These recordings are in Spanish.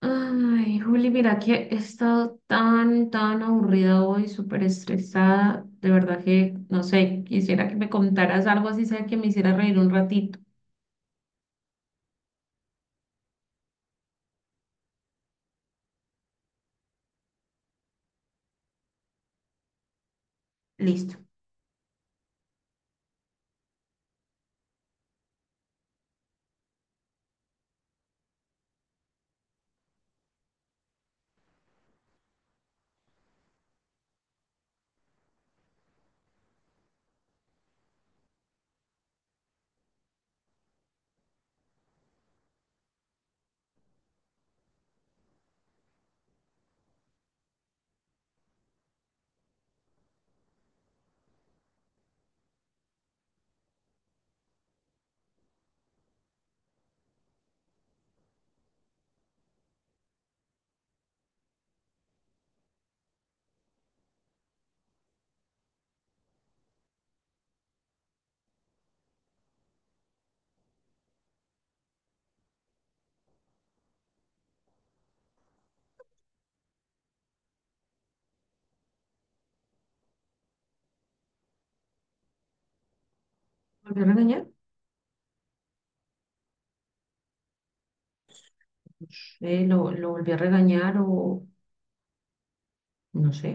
Ay, Juli, mira que he estado tan, tan aburrida hoy, súper estresada. De verdad que, no sé, quisiera que me contaras algo así, sea que me hiciera reír un ratito. Listo. ¿Volvió a regañar? Lo volví a regañar o no sé.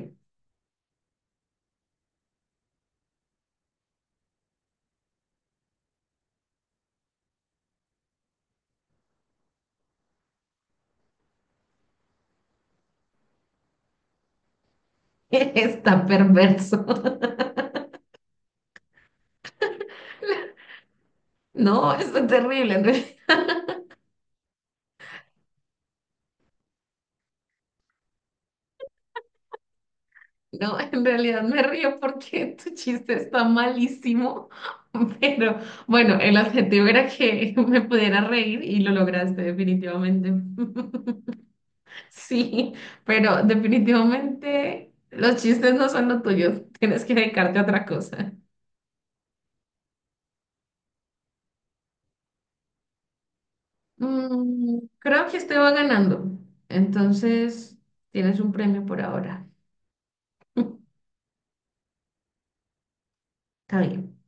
Está perverso. No, esto es terrible. No, en realidad me río porque tu chiste está malísimo. Pero bueno, el objetivo era que me pudiera reír y lo lograste definitivamente. Sí, pero definitivamente los chistes no son lo tuyo. Tienes que dedicarte a otra cosa. Creo que estoy va ganando. Entonces, tienes un premio por ahora. Está bien.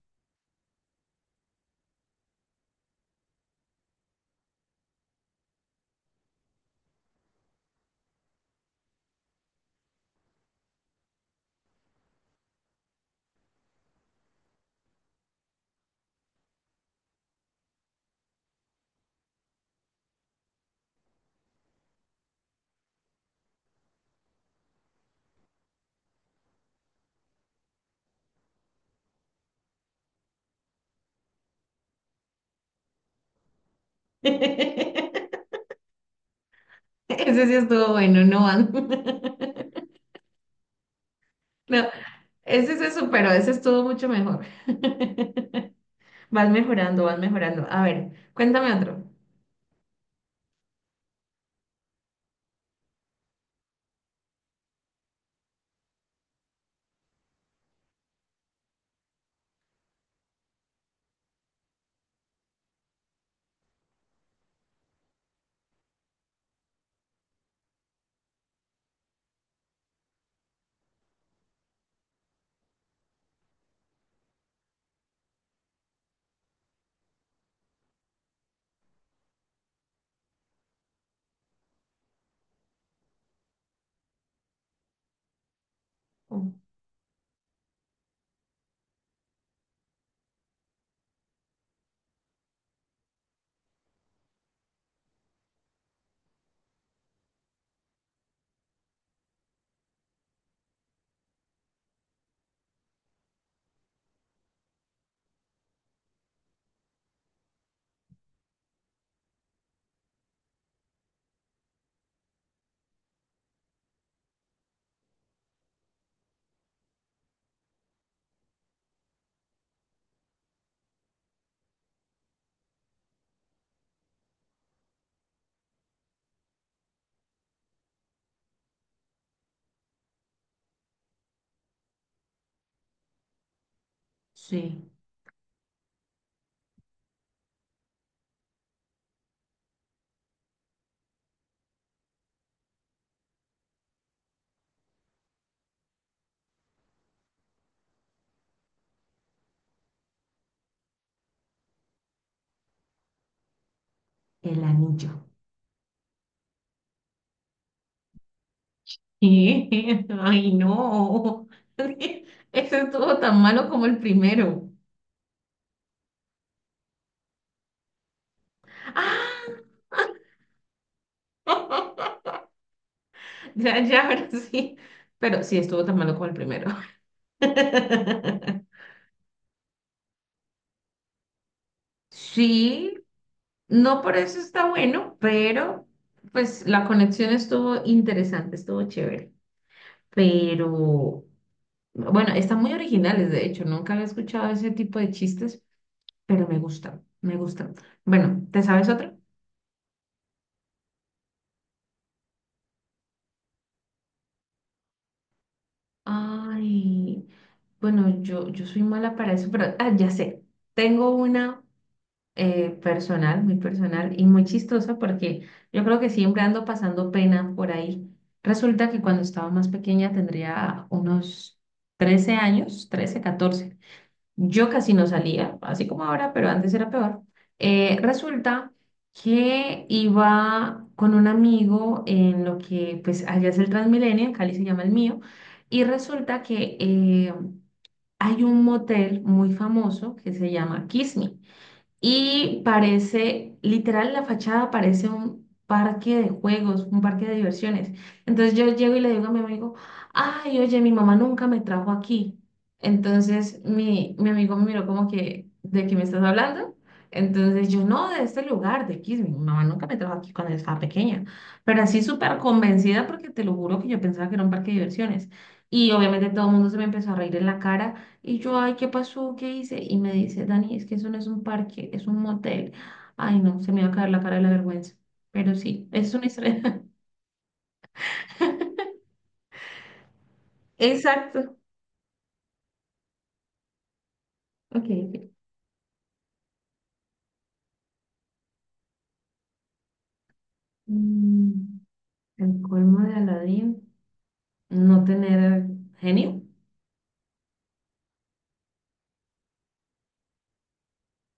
Ese sí estuvo bueno, no van. No, ese se superó, ese estuvo mucho mejor. Vas mejorando, vas mejorando. A ver, cuéntame otro. Oh, sí, el anillo. ¿Qué? Ay, no. Ese estuvo tan malo como el primero. ¡Ah! Ya, ya, ahora sí. Pero sí estuvo tan malo como el primero. Sí, no por eso está bueno, pero pues la conexión estuvo interesante, estuvo chévere. Pero bueno, están muy originales, de hecho, nunca había escuchado ese tipo de chistes, pero me gustan, me gustan. Bueno, ¿te sabes otro? Ay, bueno, yo soy mala para eso, pero ah, ya sé, tengo una personal, muy personal y muy chistosa porque yo creo que siempre ando pasando pena por ahí. Resulta que cuando estaba más pequeña tendría unos 13 años, 13, 14. Yo casi no salía, así como ahora, pero antes era peor. Resulta que iba con un amigo en lo que, pues, allá es el Transmilenio, en Cali se llama el mío, y resulta que hay un motel muy famoso que se llama Kiss Me. Y parece, literal, la fachada parece un parque de juegos, un parque de diversiones. Entonces yo llego y le digo a mi amigo, ay, oye, mi mamá nunca me trajo aquí. Entonces mi amigo me miró como que, ¿de qué me estás hablando? Entonces yo, no, de este lugar, de Kismi, mi mamá nunca me trajo aquí cuando yo estaba pequeña. Pero así súper convencida porque te lo juro que yo pensaba que era un parque de diversiones. Y obviamente todo el mundo se me empezó a reír en la cara. Y yo, ay, ¿qué pasó? ¿Qué hice? Y me dice, Dani, es que eso no es un parque, es un motel. Ay, no, se me va a caer la cara de la vergüenza. Pero sí, es una historia. Exacto. Ok. Ok. Mm, el colmo de Aladín, no tener genio.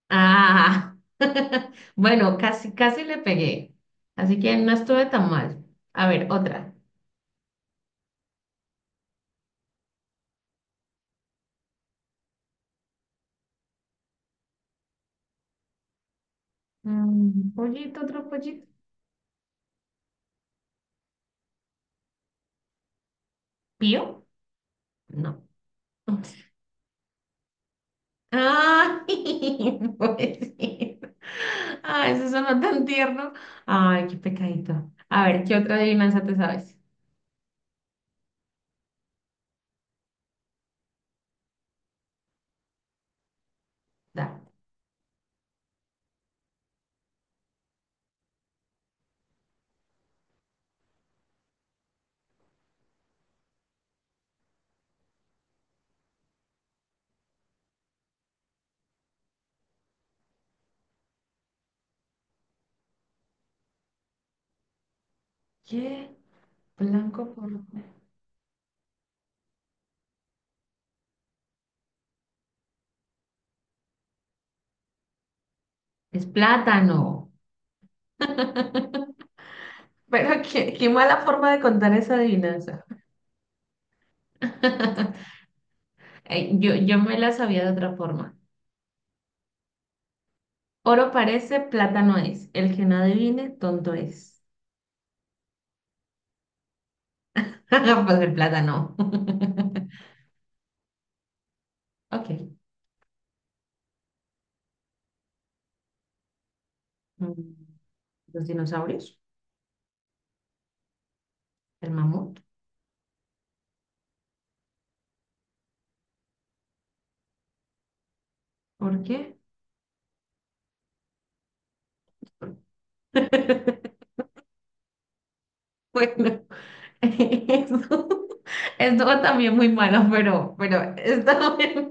Ah, bueno, casi, casi le pegué. Así que no estuve tan mal. A ver, otra. Pollito, otro pollito. ¿Pío? No. Ay, pobrecito. Ay, eso sonó tan tierno. Ay, qué pecadito. A ver, ¿qué otra adivinanza te sabes? Da. ¿Qué? Blanco por... Es plátano. Pero qué mala forma de contar esa adivinanza. Ay, Yo me la sabía de otra forma. Oro parece, plátano es. El que no adivine, tonto es. Pues el plátano. Ok. Mm, Los dinosaurios, el mamut. ¿Por qué? Bueno, eso estuvo también muy malo, pero está bueno.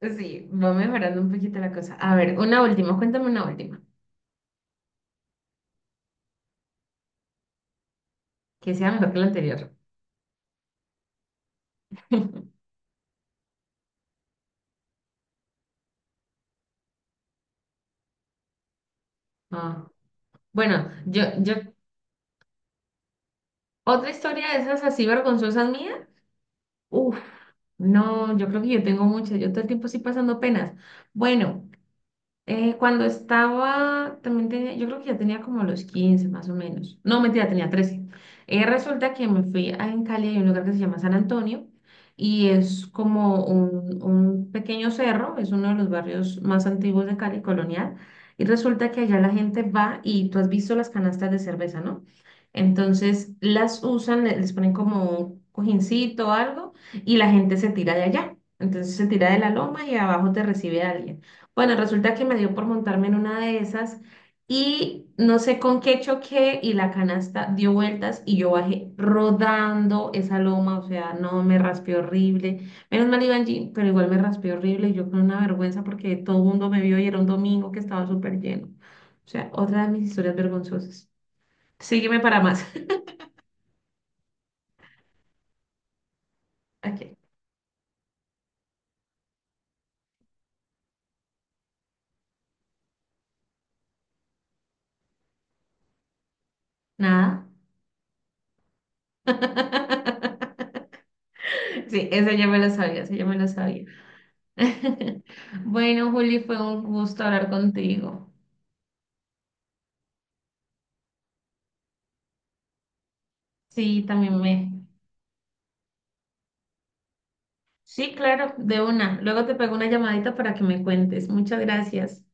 Sí, va mejorando un poquito la cosa. A ver, una última, cuéntame una última, que sea mejor que la anterior. Ah, bueno, otra historia de esas así vergonzosas mía. Uf, no, yo creo que yo tengo muchas, yo todo el tiempo estoy pasando penas. Bueno. Cuando estaba, también tenía, yo creo que ya tenía como los 15 más o menos. No, mentira, tenía 13. Resulta que me fui a, en Cali, hay un lugar que se llama San Antonio y es como un pequeño cerro, es uno de los barrios más antiguos de Cali, colonial. Y resulta que allá la gente va y tú has visto las canastas de cerveza, ¿no? Entonces las usan, les ponen como un cojincito o algo y la gente se tira de allá. Entonces se tira de la loma y abajo te recibe alguien. Bueno, resulta que me dio por montarme en una de esas y no sé con qué choqué y la canasta dio vueltas y yo bajé rodando esa loma, o sea, no, me raspé horrible. Menos mal iba en jean, pero igual me raspé horrible y yo con una vergüenza porque todo el mundo me vio y era un domingo que estaba súper lleno. O sea, otra de mis historias vergonzosas. Sígueme para más. Ok, nada. Sí, esa ya me la sabía, esa ya me la sabía. Bueno, Juli, fue un gusto hablar contigo. Sí, también me. Sí, claro, de una. Luego te pego una llamadita para que me cuentes. Muchas gracias.